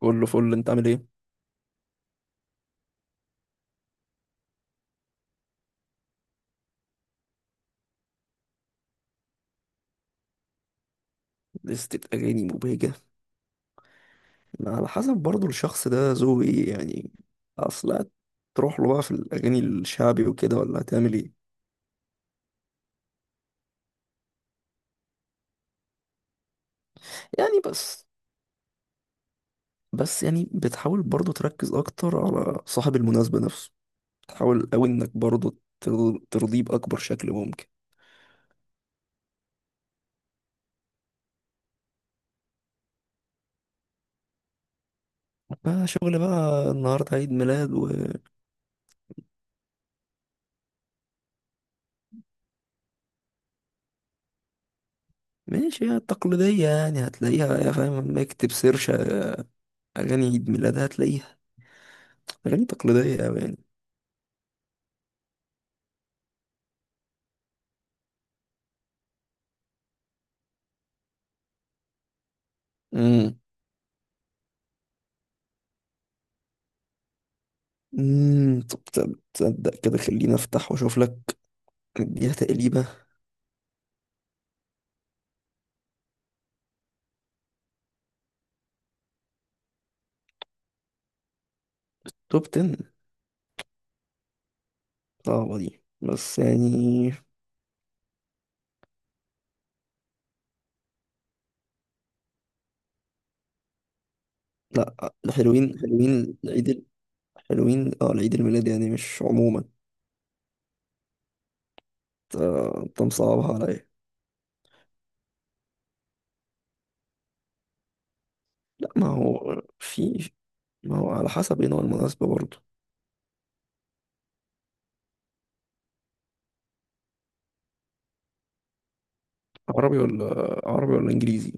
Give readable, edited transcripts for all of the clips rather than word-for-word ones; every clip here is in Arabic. كله فل. انت عامل ايه؟ لستة اغاني مبهجة. ما على حسب برضو الشخص ده ذوقه ايه يعني اصلا. تروح له بقى في الاغاني الشعبي وكده ولا هتعمل ايه؟ يعني بس بس يعني بتحاول برضو تركز اكتر على صاحب المناسبة نفسه، تحاول قوي انك برضو ترضيه باكبر شكل ممكن. بقى شغل بقى، النهاردة عيد ميلاد وماشي. هي التقليدية يعني هتلاقيها، يا فاهم، لما اكتب سيرش أغاني عيد ميلاد هتلاقيها أغاني تقليدية أوي يعني. مم. طب تصدق، تصدق، خليني افتح واشوف لك اديها تقليبه. توب 10، صعبه دي بس يعني. لا، حلوين، حلوين، اه، العيد الميلاد يعني، مش عموما. انت أنت مصعبها عليا. لا، ما هو على حسب ايه نوع المناسبه برضه. عربي ولا؟ عربي ولا انجليزي؟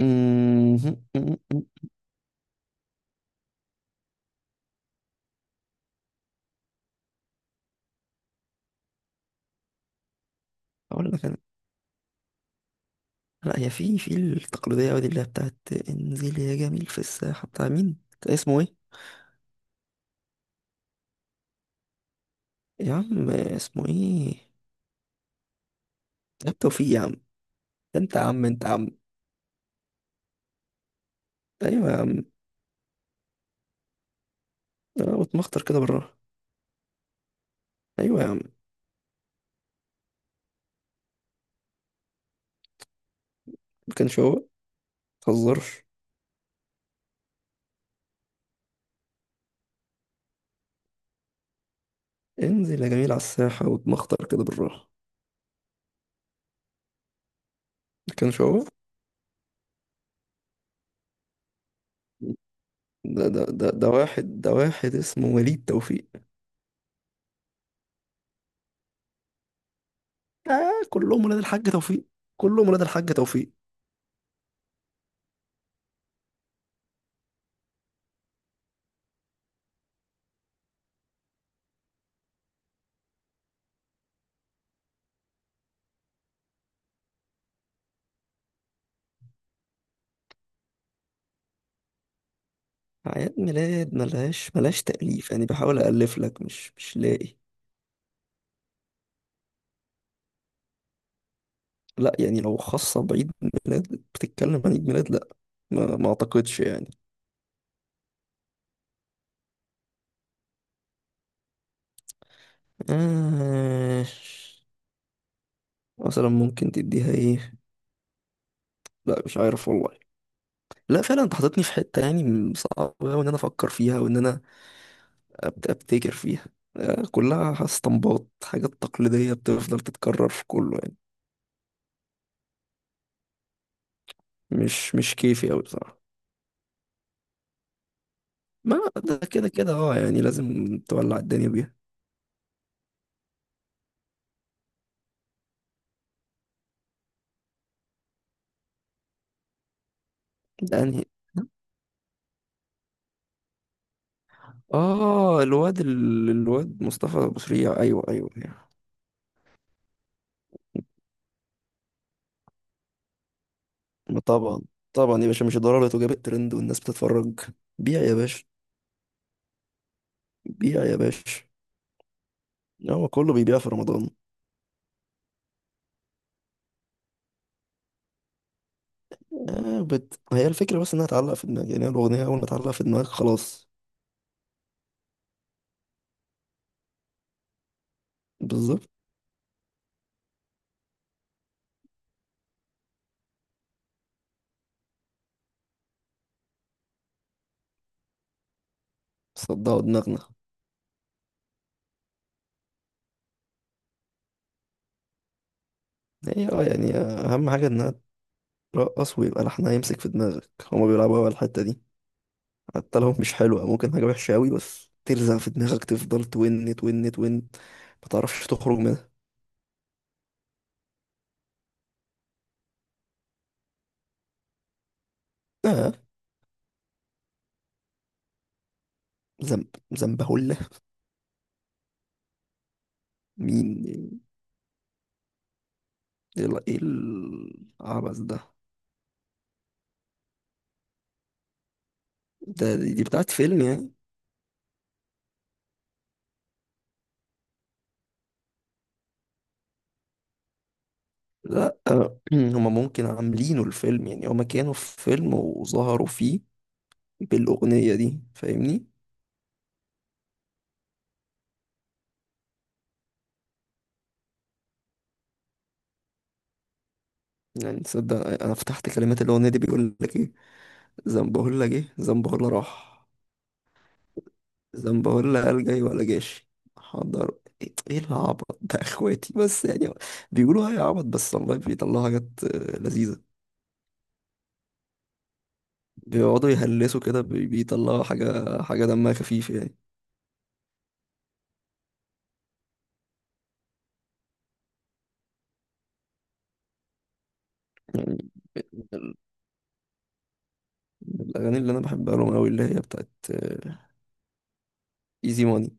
أمم، اقول لك انا. لا، هي في التقليديه أوي دي اللي هي بتاعت انزل يا جميل في الساحه، بتاع مين؟ بتاع اسمه ايه؟ يا عم اسمه ايه؟ يا عم توفيق يا عم. انت يا عم. ايوه يا عم، انا بتمخطر كده بالراحه. ايوه يا عم. ما كانش هو. ما تهزرش. انزل يا جميل على الساحه واتمخطر كده بالراحه. ما كانش هو. ده واحد اسمه وليد توفيق. آه، كلهم ولاد الحاج توفيق. كلهم ولاد الحاج توفيق. أعياد ميلاد ملهاش تأليف يعني، بحاول أألف لك مش لاقي. لا، يعني لو خاصة بعيد ميلاد، بتتكلم عن عيد ميلاد، لا. ما أعتقدش يعني. آه، مثلا ممكن تديها ايه؟ لا، مش عارف والله. لا، فعلا انت حاططني في حتة يعني صعب أوي ان انا افكر فيها وان انا ابتكر فيها. آه، كلها استنباط حاجات تقليدية بتفضل تتكرر في كله يعني. مش كيفي اوي بصراحة. ما ده كده كده، اه يعني لازم تولع الدنيا بيها. ده يعني اه، الواد الواد مصطفى أبو سريع، ايوه، ايوه، أيوة. ما طبعا، طبعا يا باشا، مش ضروري، وجاب الترند والناس بتتفرج. بيع يا باشا، بيع يا باشا. هو كله بيبيع في رمضان. هي الفكرة بس إنها تعلق في دماغك، يعني هي الأغنية أول ما تعلق في دماغك خلاص. بالظبط. صدعوا دماغنا. هي اه يعني أهم حاجة إنها ترقص ويبقى لحنها يمسك في دماغك، هما بيلعبوا أوي على الحتة دي. حتى لو مش حلوة، ممكن حاجة وحشة أوي بس تلزق في دماغك، تفضل تون تون تون ما تعرفش تخرج منها. آه، ذنب، ذنبهولة. مين؟ إيه إيه العبث ده؟ ده دي بتاعت فيلم يعني؟ لا آه، هما ممكن عاملينه الفيلم، يعني هما كانوا في فيلم وظهروا فيه بالأغنية دي، فاهمني؟ يعني تصدق، أنا فتحت كلمات الأغنية دي بيقول لك إيه: زنبهولا جه، زنبهولا راح، زنبهولا قال جاي ولا جاش، حضر. إيه إيه العبط ده يا إخواتي بس يعني؟ بيقولوا هاي عبط بس والله بيطلعوا حاجات آه، لذيذة. بيقعدوا يهلسوا كده، بيطلعوا حاجة دمها خفيف يعني. يعني من الأغاني اللي أنا بحبها لهم أوي اللي هي بتاعت إيزي ماني.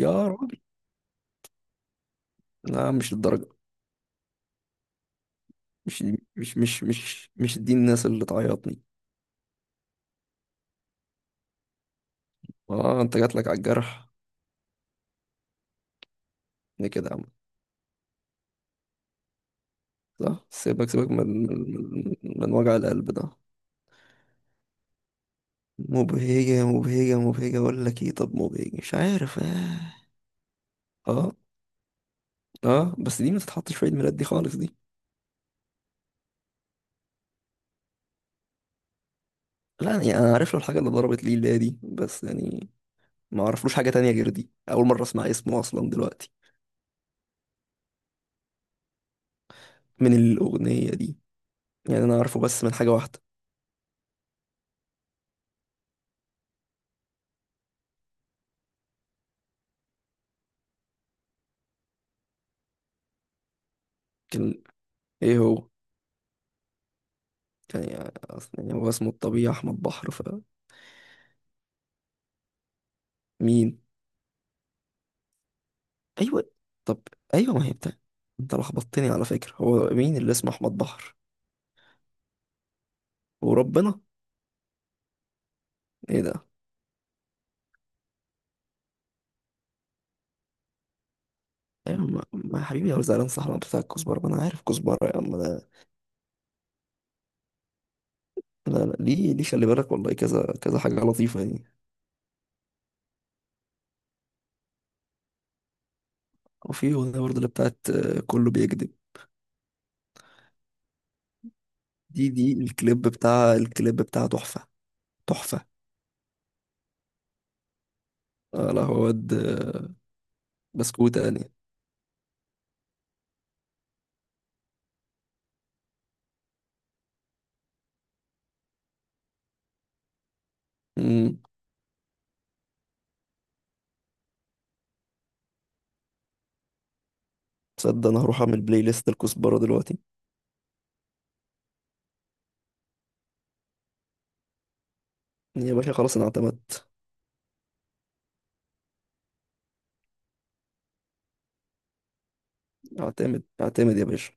يا راجل. لا مش الدرجة. مش مش دي الناس اللي تعيطني. اه انت جاتلك على الجرح. ليه كده يا عم؟ صح، سيبك، سيبك من وجع القلب ده. مبهجة مبهجة، اقول لك ايه، طب مبهجة، مش عارف. اه اه اه، بس دي ما تتحطش في عيد ميلاد دي خالص دي. لا يعني انا عارف له الحاجة اللي ضربت لي اللي هي دي بس يعني، ما اعرفلوش حاجة تانية غير دي، اول مرة اسمع اسمه اصلا دلوقتي، من الاغنية دي. يعني انا عارفه بس من حاجة واحدة. كان؟ ايه هو؟ كان يعني اصلا يعني هو اسمه الطبيعي احمد بحر. فمين؟ ايوه. طب ايوه ما هي بتاع. انت لخبطتني على فكره، هو مين اللي اسمه احمد بحر؟ وربنا. ايه ده! ايوه ما يا حبيبي يا زعلان، صح، انا بتاع الكزبره، ما انا عارف كزبره يا عم ده. لا، ليه، خلي بالك والله كذا كذا حاجه لطيفه يعني. وفي اغنيه برضه اللي بتاعت آه، كله بيكذب. دي الكليب، بتاع الكليب بتاع تحفه، تحفه. آه، لا هو واد آه، بسكوته يعني. امم، تصدق انا هروح اعمل بلاي ليست الكزبره دلوقتي. يا باشا خلاص انا اعتمدت. اعتمد اعتمد يا باشا.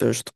قشطة